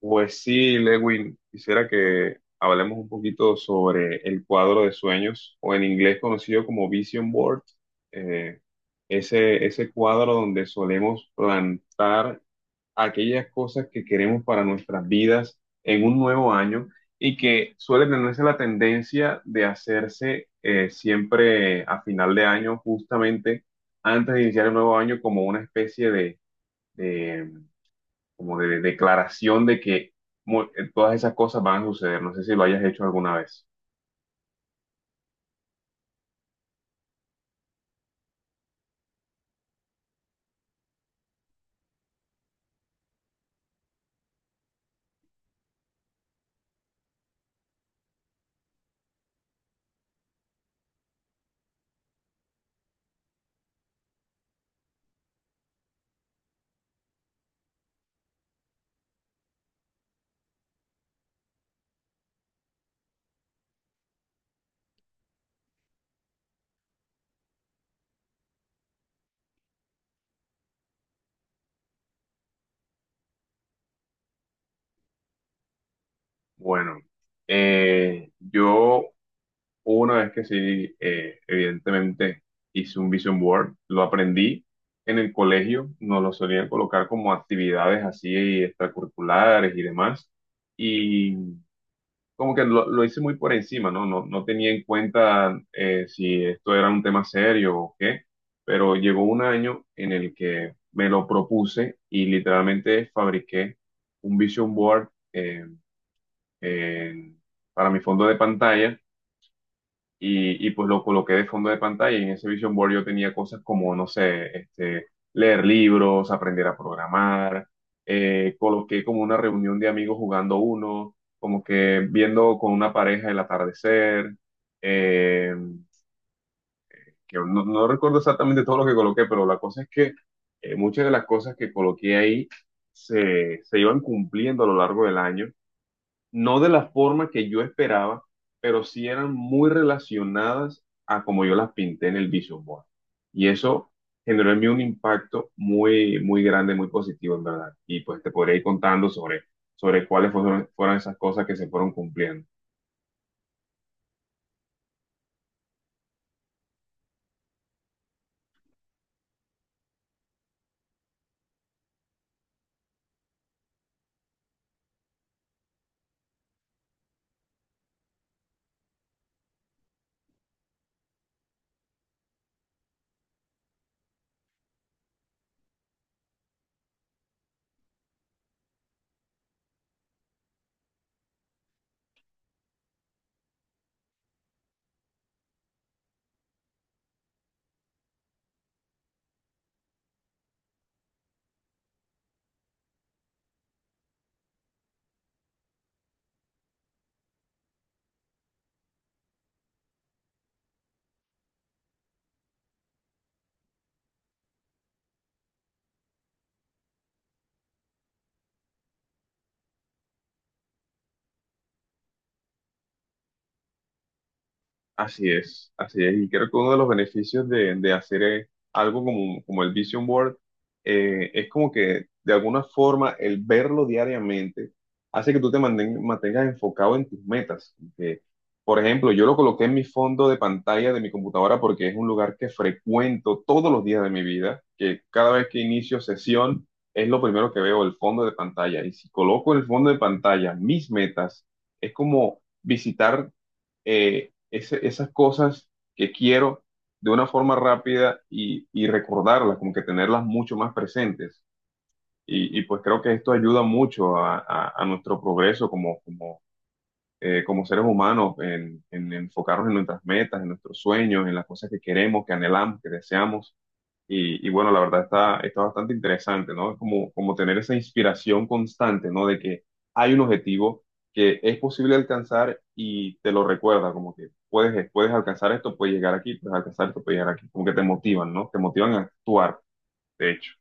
Pues sí, Lewin, quisiera que hablemos un poquito sobre el cuadro de sueños, o en inglés conocido como Vision Board, eh, ese cuadro donde solemos plantar aquellas cosas que queremos para nuestras vidas en un nuevo año y que suele tenerse la tendencia de hacerse siempre a final de año, justamente antes de iniciar el nuevo año, como una especie de, como de declaración de que todas esas cosas van a suceder. No sé si lo hayas hecho alguna vez. Bueno, yo hubo una vez que sí, evidentemente hice un vision board, lo aprendí en el colegio, nos lo solían colocar como actividades así extracurriculares y demás. Como que lo hice muy por encima, ¿no? No tenía en cuenta si esto era un tema serio o qué, pero llegó un año en el que me lo propuse y literalmente fabriqué un vision board en- para mi fondo de pantalla y pues lo coloqué de fondo de pantalla y en ese Vision Board yo tenía cosas como, no sé, este, leer libros, aprender a programar, coloqué como una reunión de amigos jugando uno, como que viendo con una pareja el atardecer, eh, que no recuerdo exactamente todo lo que coloqué, pero la cosa es que muchas de las cosas que coloqué ahí se iban cumpliendo a lo largo del año, no de la forma que yo esperaba, pero sí eran muy relacionadas a como yo las pinté en el Vision Board. Y eso generó en mí un impacto muy, muy grande, muy positivo, en verdad. Y pues te podría ir contando sobre, sobre cuáles fueron esas cosas que se fueron cumpliendo. Así es, así es. Y creo que uno de los beneficios de hacer algo como el Vision Board, es como que de alguna forma el verlo diariamente hace que tú te mantengas enfocado en tus metas. Que, por ejemplo, yo lo coloqué en mi fondo de pantalla de mi computadora porque es un lugar que frecuento todos los días de mi vida, que cada vez que inicio sesión es lo primero que veo, el fondo de pantalla. Y si coloco en el fondo de pantalla mis metas, es como visitar esas cosas que quiero de una forma rápida y recordarlas, como que tenerlas mucho más presentes. Y pues creo que esto ayuda mucho a nuestro progreso como como seres humanos en enfocarnos en nuestras metas, en nuestros sueños, en las cosas que queremos, que anhelamos, que deseamos. Y bueno, la verdad está bastante interesante, ¿no? Es como tener esa inspiración constante, ¿no? De que hay un objetivo que es posible alcanzar y te lo recuerda, como que puedes, puedes alcanzar esto, puedes llegar aquí, puedes alcanzar esto, puedes llegar aquí. Como que te motivan, ¿no? Te motivan a actuar, de hecho.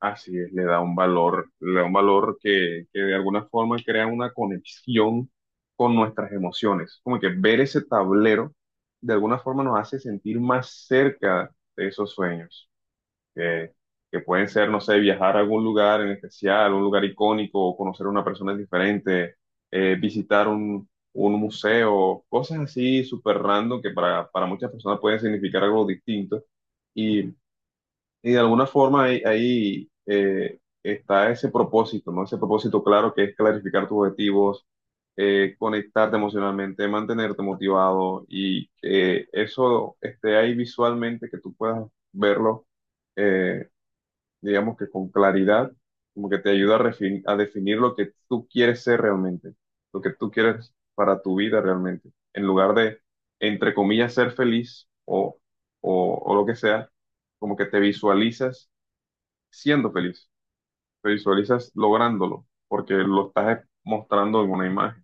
Así es, le da un valor, le da un valor que de alguna forma crea una conexión con nuestras emociones. Como que ver ese tablero de alguna forma nos hace sentir más cerca de esos sueños. que, que pueden ser, no sé, viajar a algún lugar en especial, un lugar icónico, o conocer a una persona diferente, visitar un museo, cosas así súper random que para muchas personas pueden significar algo distinto. Y, y de alguna forma ahí está ese propósito, ¿no? Ese propósito claro que es clarificar tus objetivos, conectarte emocionalmente, mantenerte motivado y eso esté ahí visualmente, que tú puedas verlo, eh, digamos que con claridad, como que te ayuda a a definir lo que tú quieres ser realmente, lo que tú quieres para tu vida realmente, en lugar de, entre comillas, ser feliz o lo que sea, como que te visualizas siendo feliz, te visualizas lográndolo, porque lo estás mostrando en una imagen.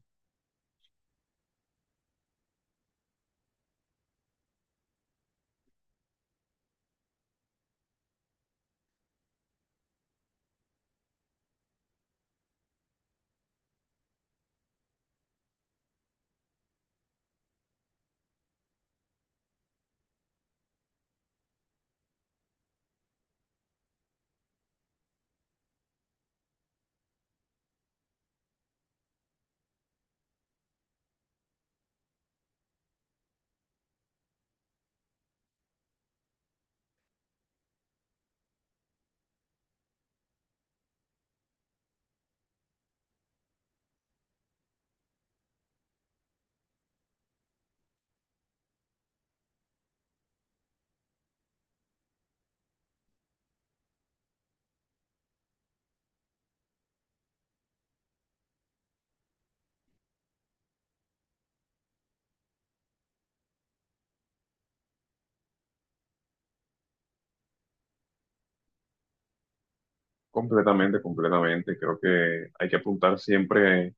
Completamente, completamente. Creo que hay que apuntar siempre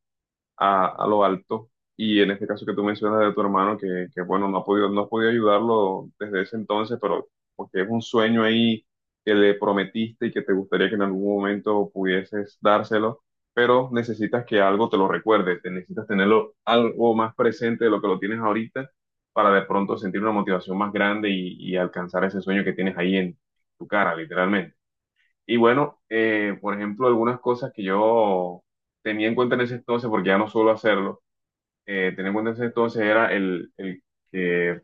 a lo alto. Y en este caso que tú mencionas de tu hermano, bueno, no ha podido, no has podido ayudarlo desde ese entonces, pero porque es un sueño ahí que le prometiste y que te gustaría que en algún momento pudieses dárselo, pero necesitas que algo te lo recuerde, te necesitas tenerlo algo más presente de lo que lo tienes ahorita para de pronto sentir una motivación más grande y alcanzar ese sueño que tienes ahí en tu cara, literalmente. Y bueno, por ejemplo, algunas cosas que yo tenía en cuenta en ese entonces, porque ya no suelo hacerlo, tenía en cuenta en ese entonces era el que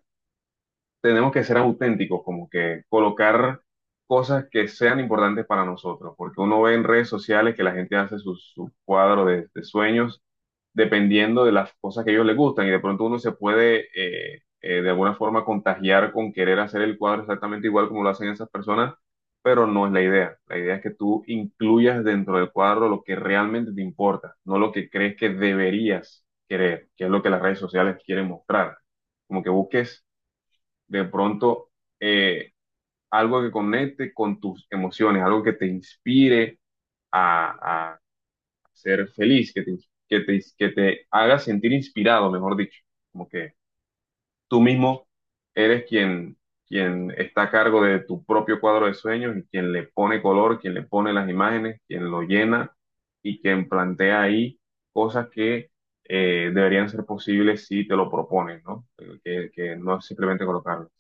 tenemos que ser auténticos, como que colocar cosas que sean importantes para nosotros, porque uno ve en redes sociales que la gente hace sus cuadros de sueños dependiendo de las cosas que a ellos les gustan y de pronto uno se puede de alguna forma contagiar con querer hacer el cuadro exactamente igual como lo hacen esas personas, pero no es la idea. La idea es que tú incluyas dentro del cuadro lo que realmente te importa, no lo que crees que deberías querer, que es lo que las redes sociales quieren mostrar. Como que busques de pronto eh, algo que conecte con tus emociones, algo que te inspire a ser feliz, que te haga sentir inspirado, mejor dicho, como que tú mismo eres quien está a cargo de tu propio cuadro de sueños y quien le pone color, quien le pone las imágenes, quien lo llena y quien plantea ahí cosas que deberían ser posibles si te lo propones, ¿no? Que no es simplemente colocarlo.